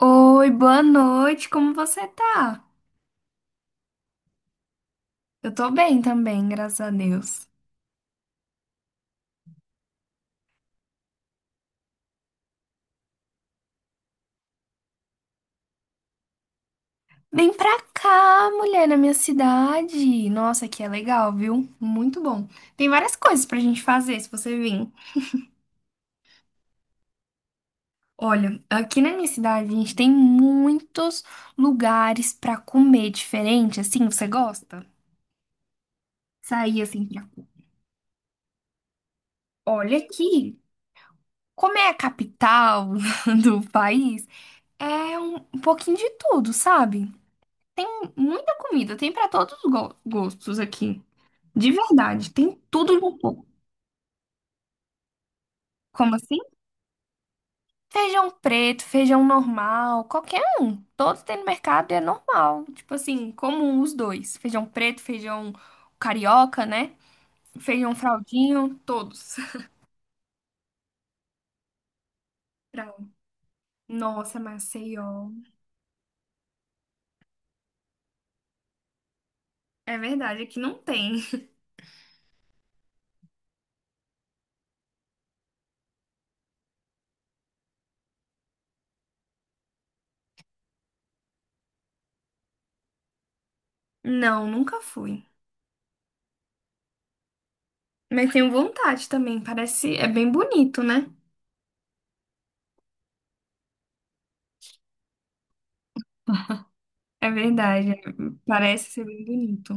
Oi, boa noite, como você tá? Eu tô bem também, graças a Deus. Vem pra cá, mulher, na minha cidade. Nossa, aqui é legal, viu? Muito bom. Tem várias coisas pra gente fazer se você vir. Olha, aqui na minha cidade a gente tem muitos lugares pra comer diferente, assim, você gosta? Sair assim, pra... olha aqui. Como é a capital do país, é um pouquinho de tudo, sabe? Tem muita comida, tem pra todos os gostos aqui. De verdade, tem tudo um pouco. Como assim? Feijão preto, feijão normal, qualquer um. Todos tem no mercado e é normal. Tipo assim, comum os dois. Feijão preto, feijão carioca, né? Feijão fraldinho, todos. Fralda. Nossa, Maceió. É verdade, aqui não tem. Não, nunca fui. Mas tenho vontade também. Parece, é bem bonito, né? É verdade, é- parece ser bem bonito.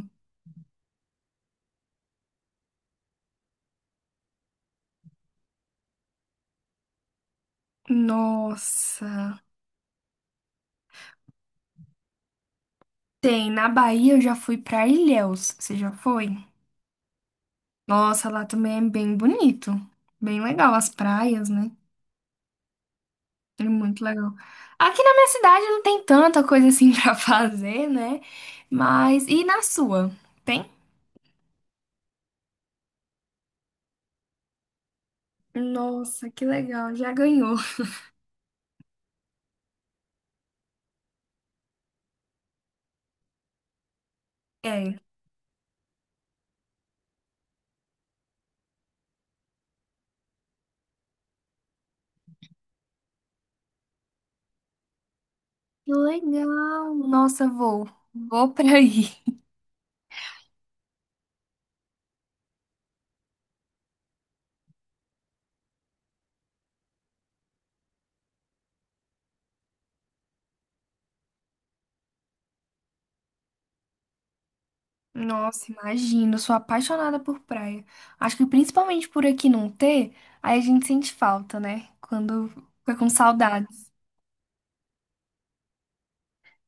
Nossa. Tem, na Bahia eu já fui pra Ilhéus. Você já foi? Nossa, lá também é bem bonito. Bem legal as praias, né? É muito legal. Aqui na minha cidade não tem tanta coisa assim pra fazer, né? Mas e na sua? Tem? Nossa, que legal. Já ganhou. É. Que legal. Nossa, vou. Vou pra aí. Nossa, imagino, eu sou apaixonada por praia. Acho que principalmente por aqui não ter, aí a gente sente falta, né? Quando fica com saudade.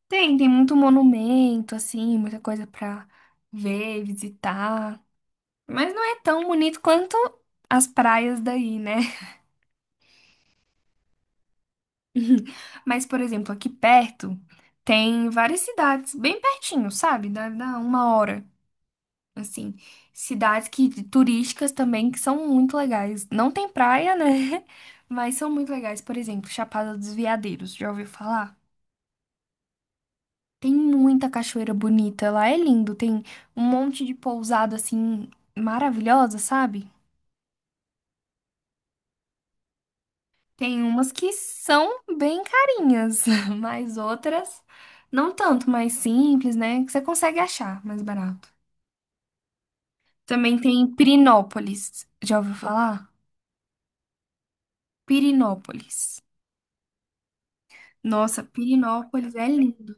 Tem, tem muito monumento, assim, muita coisa pra ver, visitar. Mas não é tão bonito quanto as praias daí, né? Mas, por exemplo, aqui perto tem várias cidades, bem pertinho, sabe? Dá uma hora. Assim, cidades que turísticas também que são muito legais. Não tem praia, né? Mas são muito legais. Por exemplo, Chapada dos Veadeiros, já ouviu falar? Tem muita cachoeira bonita, lá é lindo, tem um monte de pousada assim maravilhosa, sabe? Tem umas que são bem carinhas, mas outras não tanto, mais simples, né? Que você consegue achar mais barato. Também tem Pirinópolis, já ouviu falar? Pirinópolis. Nossa, Pirinópolis é lindo.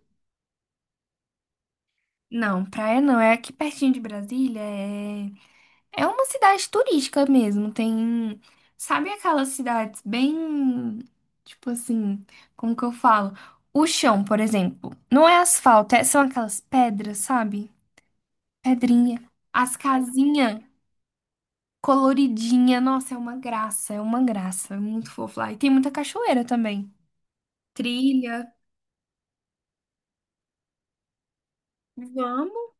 Não, praia não, é aqui pertinho de Brasília, é, é uma cidade turística mesmo. Tem, sabe aquelas cidades bem, tipo assim, como que eu falo? O chão, por exemplo, não é asfalto, é- são aquelas pedras, sabe? Pedrinha. As casinhas coloridinha, nossa, é uma graça, é uma graça, é muito fofo lá. E tem muita cachoeira também. Trilha. Vamos.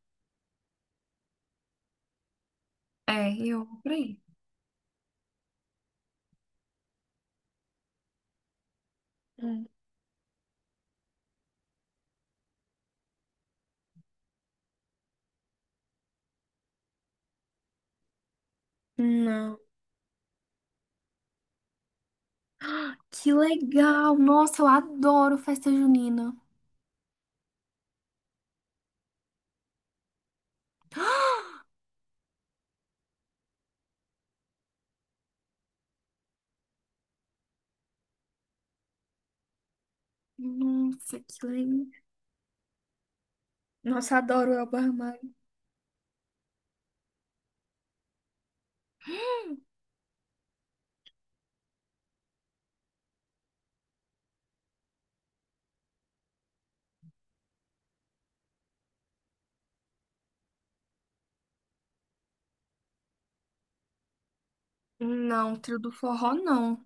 É, eu vou por aí. Hum. Não. Que legal! Nossa, eu adoro festa junina. Nossa, que legal. Nossa, adoro o Elba Ramalho. Não, trio do forró não.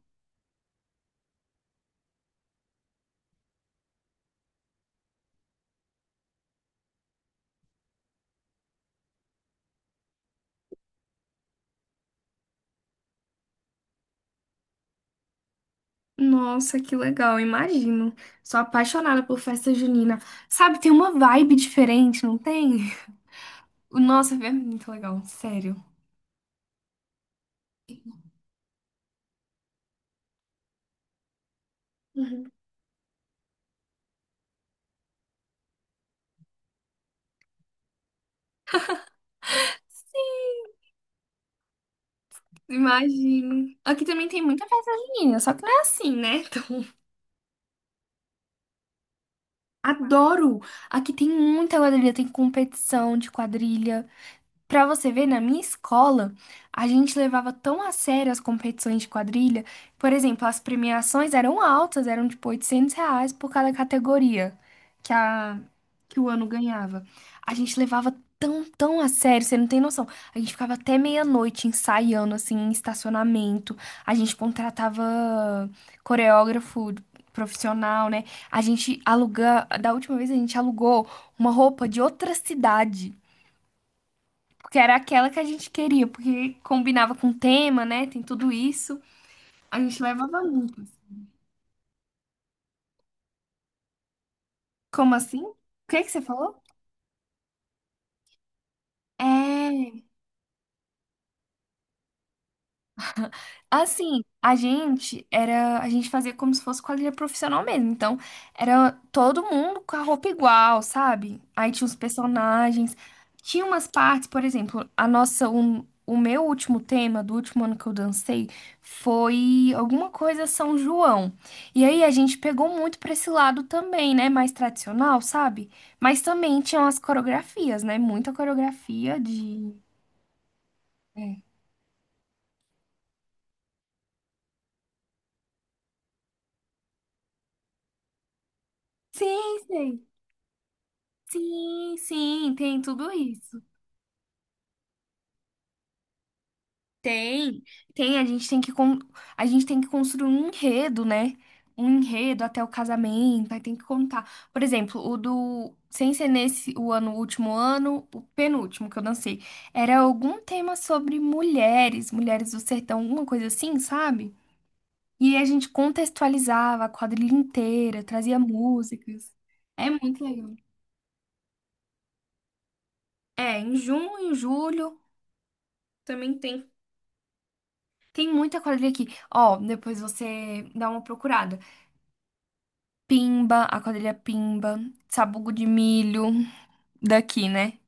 Nossa, que legal, imagino. Sou apaixonada por festa junina. Sabe, tem uma vibe diferente, não tem? O nossa, é muito legal, sério. Uhum. Imagino. Aqui também tem muita festa junina, só que não é assim, né? Então, adoro! Aqui tem muita quadrilha, tem competição de quadrilha. Pra você ver, na minha escola, a gente levava tão a sério as competições de quadrilha. Por exemplo, as premiações eram altas, eram tipo R$ 800 por cada categoria que, a, que o ano ganhava. A gente levava tão a sério, você não tem noção. A gente ficava até meia-noite ensaiando, assim, em estacionamento. A gente contratava coreógrafo profissional, né? A gente aluga... Da última vez, a gente alugou uma roupa de outra cidade. Porque era aquela que a gente queria, porque combinava com o tema, né? Tem tudo isso. A gente levava muito. Como assim? O que que você falou? É. Assim, a gente era, a gente fazia como se fosse quadrilha profissional mesmo. Então, era todo mundo com a roupa igual, sabe? Aí tinha os personagens, tinha umas partes, por exemplo, a nossa, um, o meu último tema do último ano que eu dancei foi alguma coisa São João. E aí a gente pegou muito pra esse lado também, né? Mais tradicional, sabe? Mas também tinham as coreografias, né? Muita coreografia de. É. Sim, sim. Sim, sim, tem tudo isso. Tem, tem, a gente tem que construir um enredo, né? Um enredo até o casamento, aí tem que contar. Por exemplo, o do sem ser nesse o ano, o último ano, o penúltimo que eu dancei, era algum tema sobre mulheres, mulheres do sertão, alguma coisa assim, sabe? E a gente contextualizava a quadrilha inteira, trazia músicas. É muito legal. É, em junho, em julho, também tem. Tem muita quadrilha aqui. Ó, depois você dá uma procurada. Pimba, a quadrilha Pimba, Sabugo de Milho, daqui, né?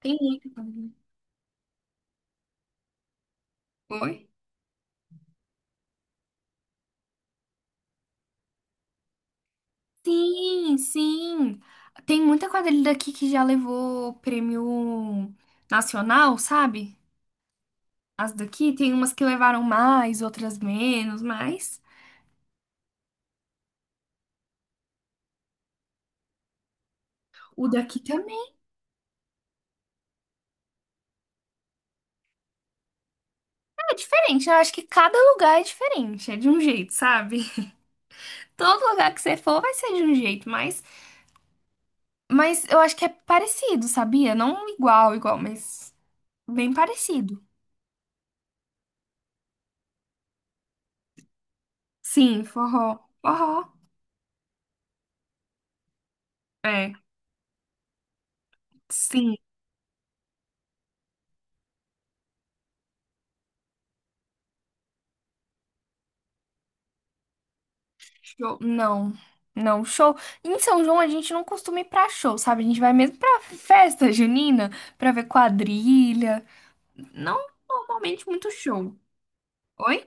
Tem muita quadrilha. Oi? Sim, sim. Tem muita quadrilha daqui que já levou prêmio nacional, sabe? As daqui tem umas que levaram mais, outras menos, mas o daqui também é diferente. Eu acho que cada lugar é diferente, é de um jeito, sabe? Todo lugar que você for vai ser de um jeito, mas eu acho que é parecido, sabia? Não igual, igual, mas bem parecido. Sim, forró. Forró. É, sim. Show. Não, não, show. Em São João a gente não costuma ir pra show, sabe? A gente vai mesmo pra festa junina, pra ver quadrilha. Não normalmente muito show. Oi?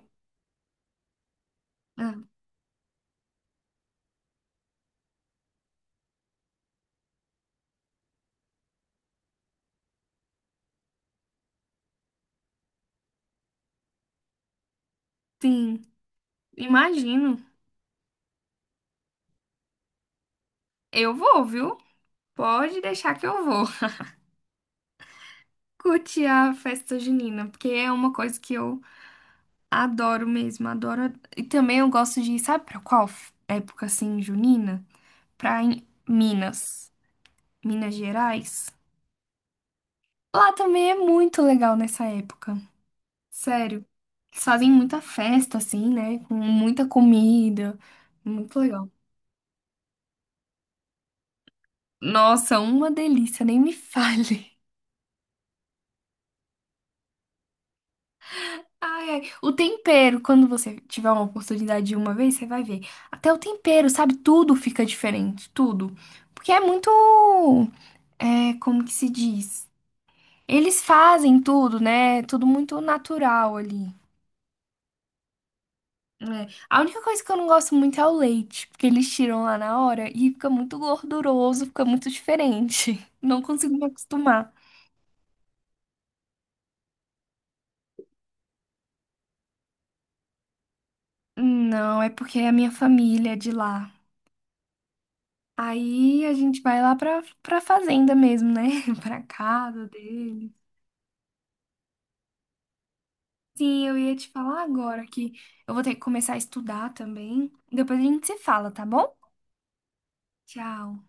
Ah, sim, imagino. Eu vou, viu? Pode deixar que eu vou. Curtir a festa junina, porque é uma coisa que eu adoro mesmo, adoro. E também eu gosto de, sabe pra qual época assim, junina? Pra em Minas, Minas Gerais. Lá também é muito legal nessa época. Sério. Eles fazem muita festa assim, né? Com muita comida. Muito legal. Nossa, uma delícia, nem me fale. Ai, ai. O tempero, quando você tiver uma oportunidade de uma vez, você vai ver. Até o tempero, sabe? Tudo fica diferente, tudo. Porque é muito. É, como que se diz? Eles fazem tudo, né? Tudo muito natural ali. Né? A única coisa que eu não gosto muito é o leite, porque eles tiram lá na hora e fica muito gorduroso, fica muito diferente. Não consigo me acostumar. Não, é porque é a minha família é de lá. Aí a gente vai lá pra fazenda mesmo, né? Pra casa dele. Sim, eu ia te falar agora que eu vou ter que começar a estudar também. Depois a gente se fala, tá bom? Tchau.